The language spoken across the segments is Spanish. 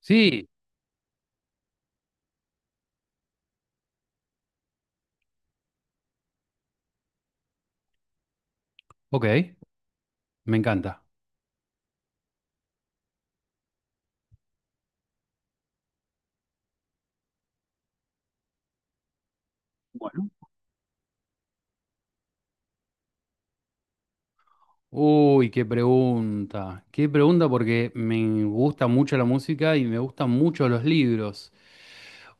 Sí, ok, me encanta. Uy, qué pregunta. Qué pregunta porque me gusta mucho la música y me gustan mucho los libros.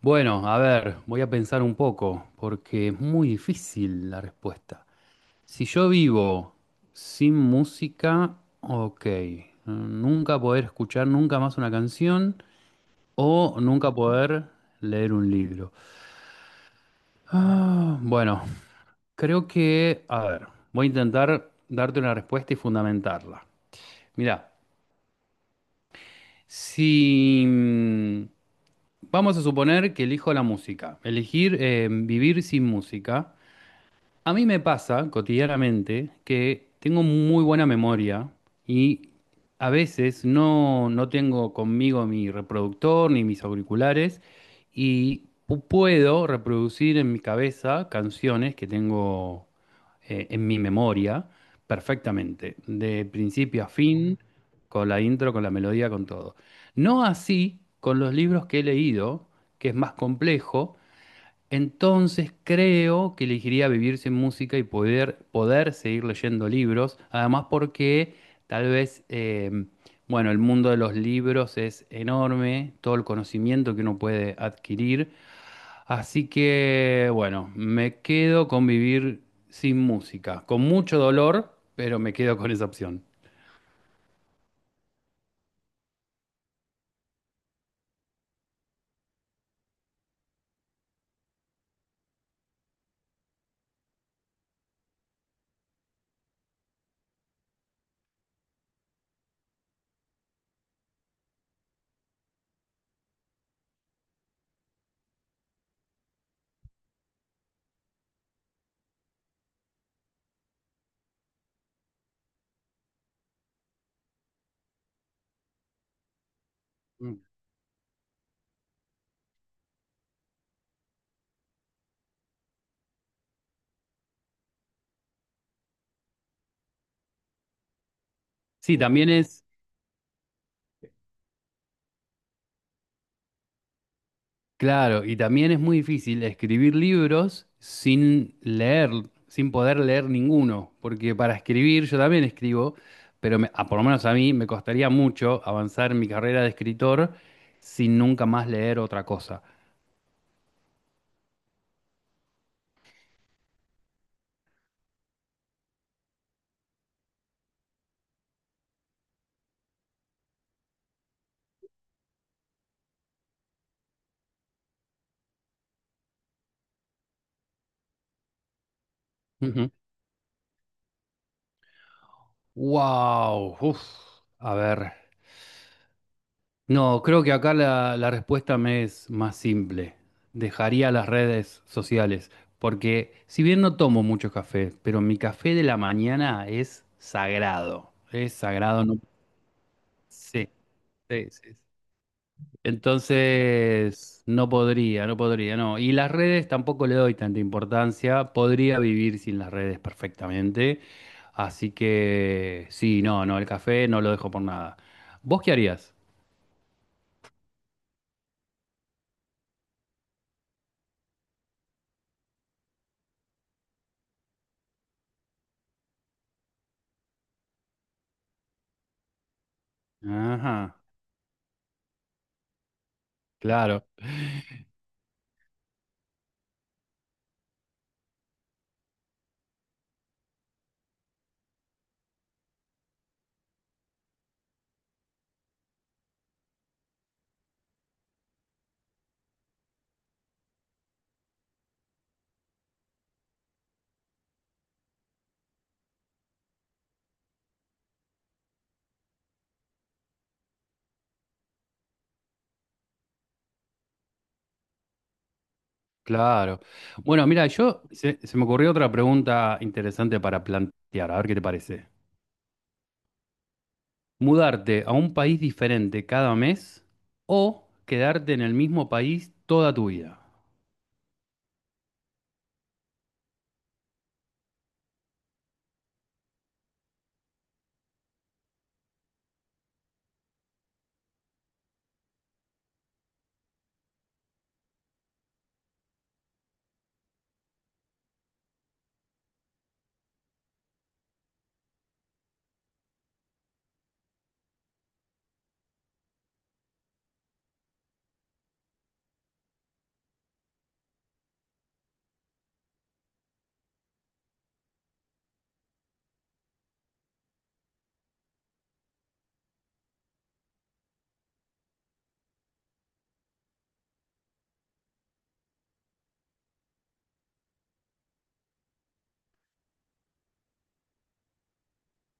Bueno, a ver, voy a pensar un poco porque es muy difícil la respuesta. Si yo vivo sin música, ok, nunca poder escuchar nunca más una canción o nunca poder leer un libro. Ah, bueno, creo que, a ver, voy a intentar darte una respuesta y fundamentarla. Mirá, si mm, vamos a suponer que elijo la música, elegir vivir sin música. A mí me pasa cotidianamente que tengo muy buena memoria y a veces no tengo conmigo mi reproductor ni mis auriculares y puedo reproducir en mi cabeza canciones que tengo en mi memoria perfectamente, de principio a fin, con la intro, con la melodía, con todo. No así con los libros que he leído, que es más complejo, entonces creo que elegiría vivir sin música y poder seguir leyendo libros, además porque tal vez, bueno, el mundo de los libros es enorme, todo el conocimiento que uno puede adquirir, así que, bueno, me quedo con vivir sin música, con mucho dolor, pero me quedo con esa opción. Mm. Sí, también es, claro, y también es muy difícil escribir libros sin leer, sin poder leer ninguno, porque para escribir yo también escribo, pero por lo menos a mí me costaría mucho avanzar en mi carrera de escritor sin nunca más leer otra cosa. Wow, a ver. No, creo que acá la respuesta me es más simple. Dejaría las redes sociales, porque si bien no tomo mucho café, pero mi café de la mañana es sagrado. Es sagrado, no. Sí, sí, sí, sí. Entonces, no podría, no. Y las redes tampoco le doy tanta importancia. Podría vivir sin las redes perfectamente. Así que, sí, no, no, el café no lo dejo por nada. ¿Vos qué harías? Ajá, claro. Claro. Bueno, mira, se me ocurrió otra pregunta interesante para plantear, a ver qué te parece. ¿Mudarte a un país diferente cada mes o quedarte en el mismo país toda tu vida?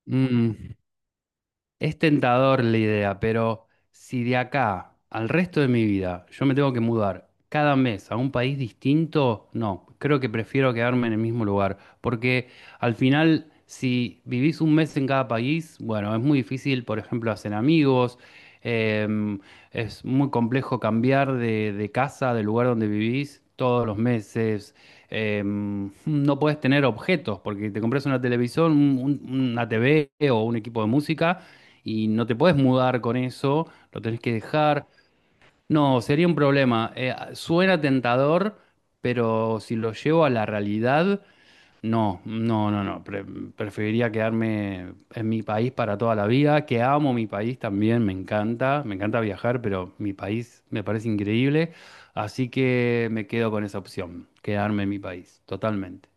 Mm. Es tentador la idea, pero si de acá al resto de mi vida yo me tengo que mudar cada mes a un país distinto, no, creo que prefiero quedarme en el mismo lugar, porque al final si vivís un mes en cada país, bueno, es muy difícil, por ejemplo, hacer amigos. em, es muy complejo cambiar de casa, del lugar donde vivís todos los meses. No podés tener objetos porque te compras una televisión, una TV o un equipo de música y no te puedes mudar con eso, lo tenés que dejar. No, sería un problema. Suena tentador, pero si lo llevo a la realidad, no, no, no, no. Preferiría quedarme en mi país para toda la vida, que amo mi país también, me encanta viajar, pero mi país me parece increíble, así que me quedo con esa opción, quedarme en mi país, totalmente.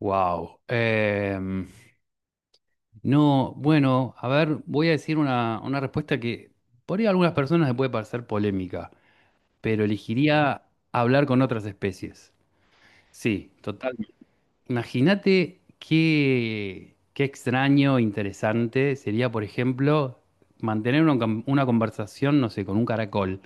Wow. No, bueno, a ver, voy a decir una respuesta que por ahí a algunas personas le puede parecer polémica, pero elegiría hablar con otras especies. Sí, total. Imagínate qué, qué extraño, interesante sería, por ejemplo, mantener una conversación, no sé, con un caracol,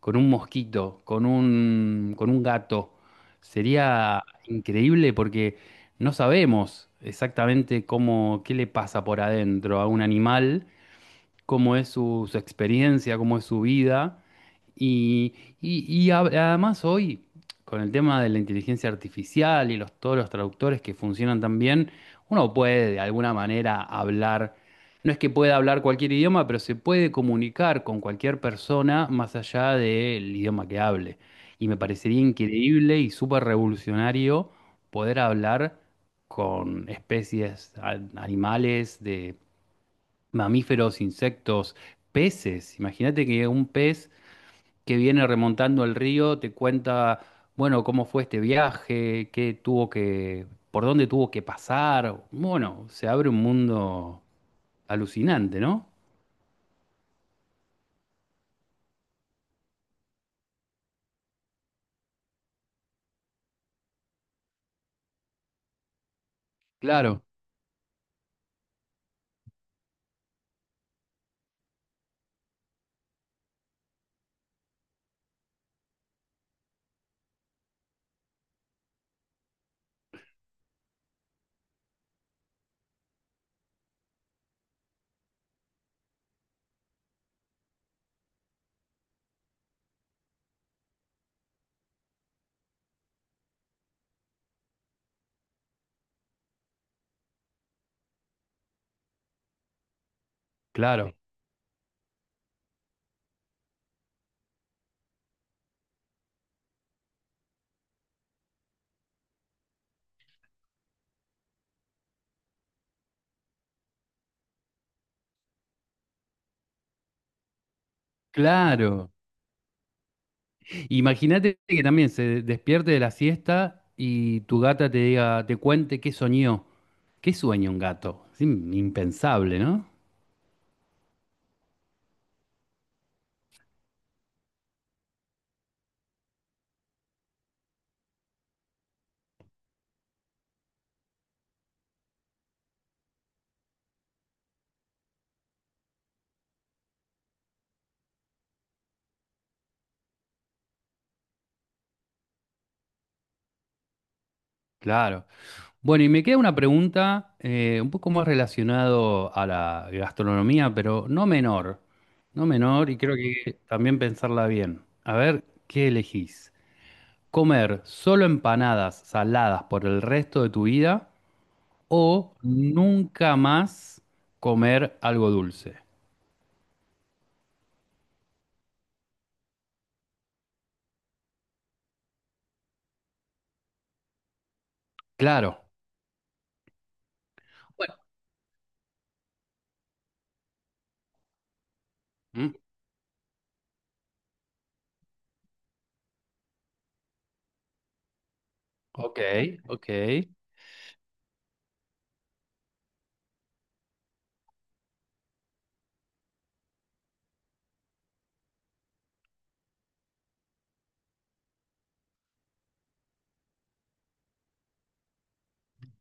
con un mosquito, con un gato. Sería increíble porque no sabemos exactamente cómo, qué le pasa por adentro a un animal, cómo es su experiencia, cómo es su vida. Y, Además hoy, con el tema de la inteligencia artificial y todos los traductores que funcionan tan bien, uno puede de alguna manera hablar, no es que pueda hablar cualquier idioma, pero se puede comunicar con cualquier persona más allá del idioma que hable. Y me parecería increíble y súper revolucionario poder hablar con especies, animales, mamíferos, insectos, peces. Imagínate que un pez que viene remontando el río te cuenta, bueno, cómo fue este viaje, qué tuvo que, por dónde tuvo que pasar. Bueno, se abre un mundo alucinante, ¿no? Claro, claro, claro. Imagínate que también se despierte de la siesta y tu gata te diga, te cuente qué soñó. ¿Qué sueña un gato? Es impensable, ¿no? Claro. Bueno, y me queda una pregunta, un poco más relacionado a la gastronomía, pero no menor, no menor, y creo que también pensarla bien. A ver, ¿qué elegís? ¿Comer solo empanadas saladas por el resto de tu vida o nunca más comer algo dulce? Claro. Bueno. Mm, ok, ok,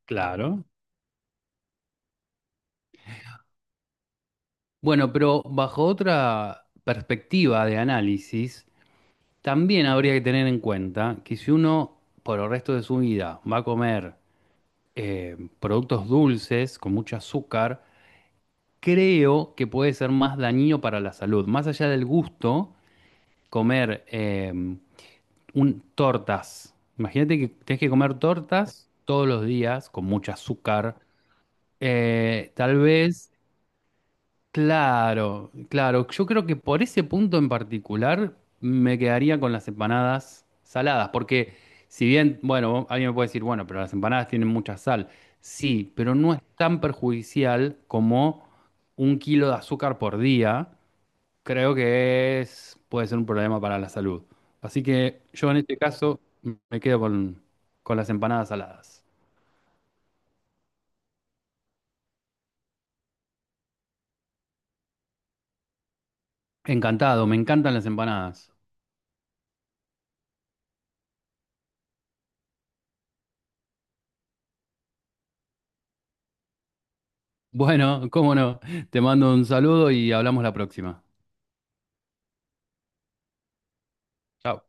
claro. Bueno, pero bajo otra perspectiva de análisis, también habría que tener en cuenta que si uno por el resto de su vida va a comer productos dulces con mucho azúcar, creo que puede ser más dañino para la salud. Más allá del gusto, comer tortas. Imagínate que tenés que comer tortas todos los días con mucho azúcar. Tal vez claro, claro. Yo creo que por ese punto en particular me quedaría con las empanadas saladas, porque si bien, bueno, alguien me puede decir, bueno, pero las empanadas tienen mucha sal. Sí, pero no es tan perjudicial como un kilo de azúcar por día. Creo que es, puede ser un problema para la salud. Así que yo en este caso me quedo con las empanadas saladas. Encantado, me encantan las empanadas. Bueno, cómo no. Te mando un saludo y hablamos la próxima. Chao.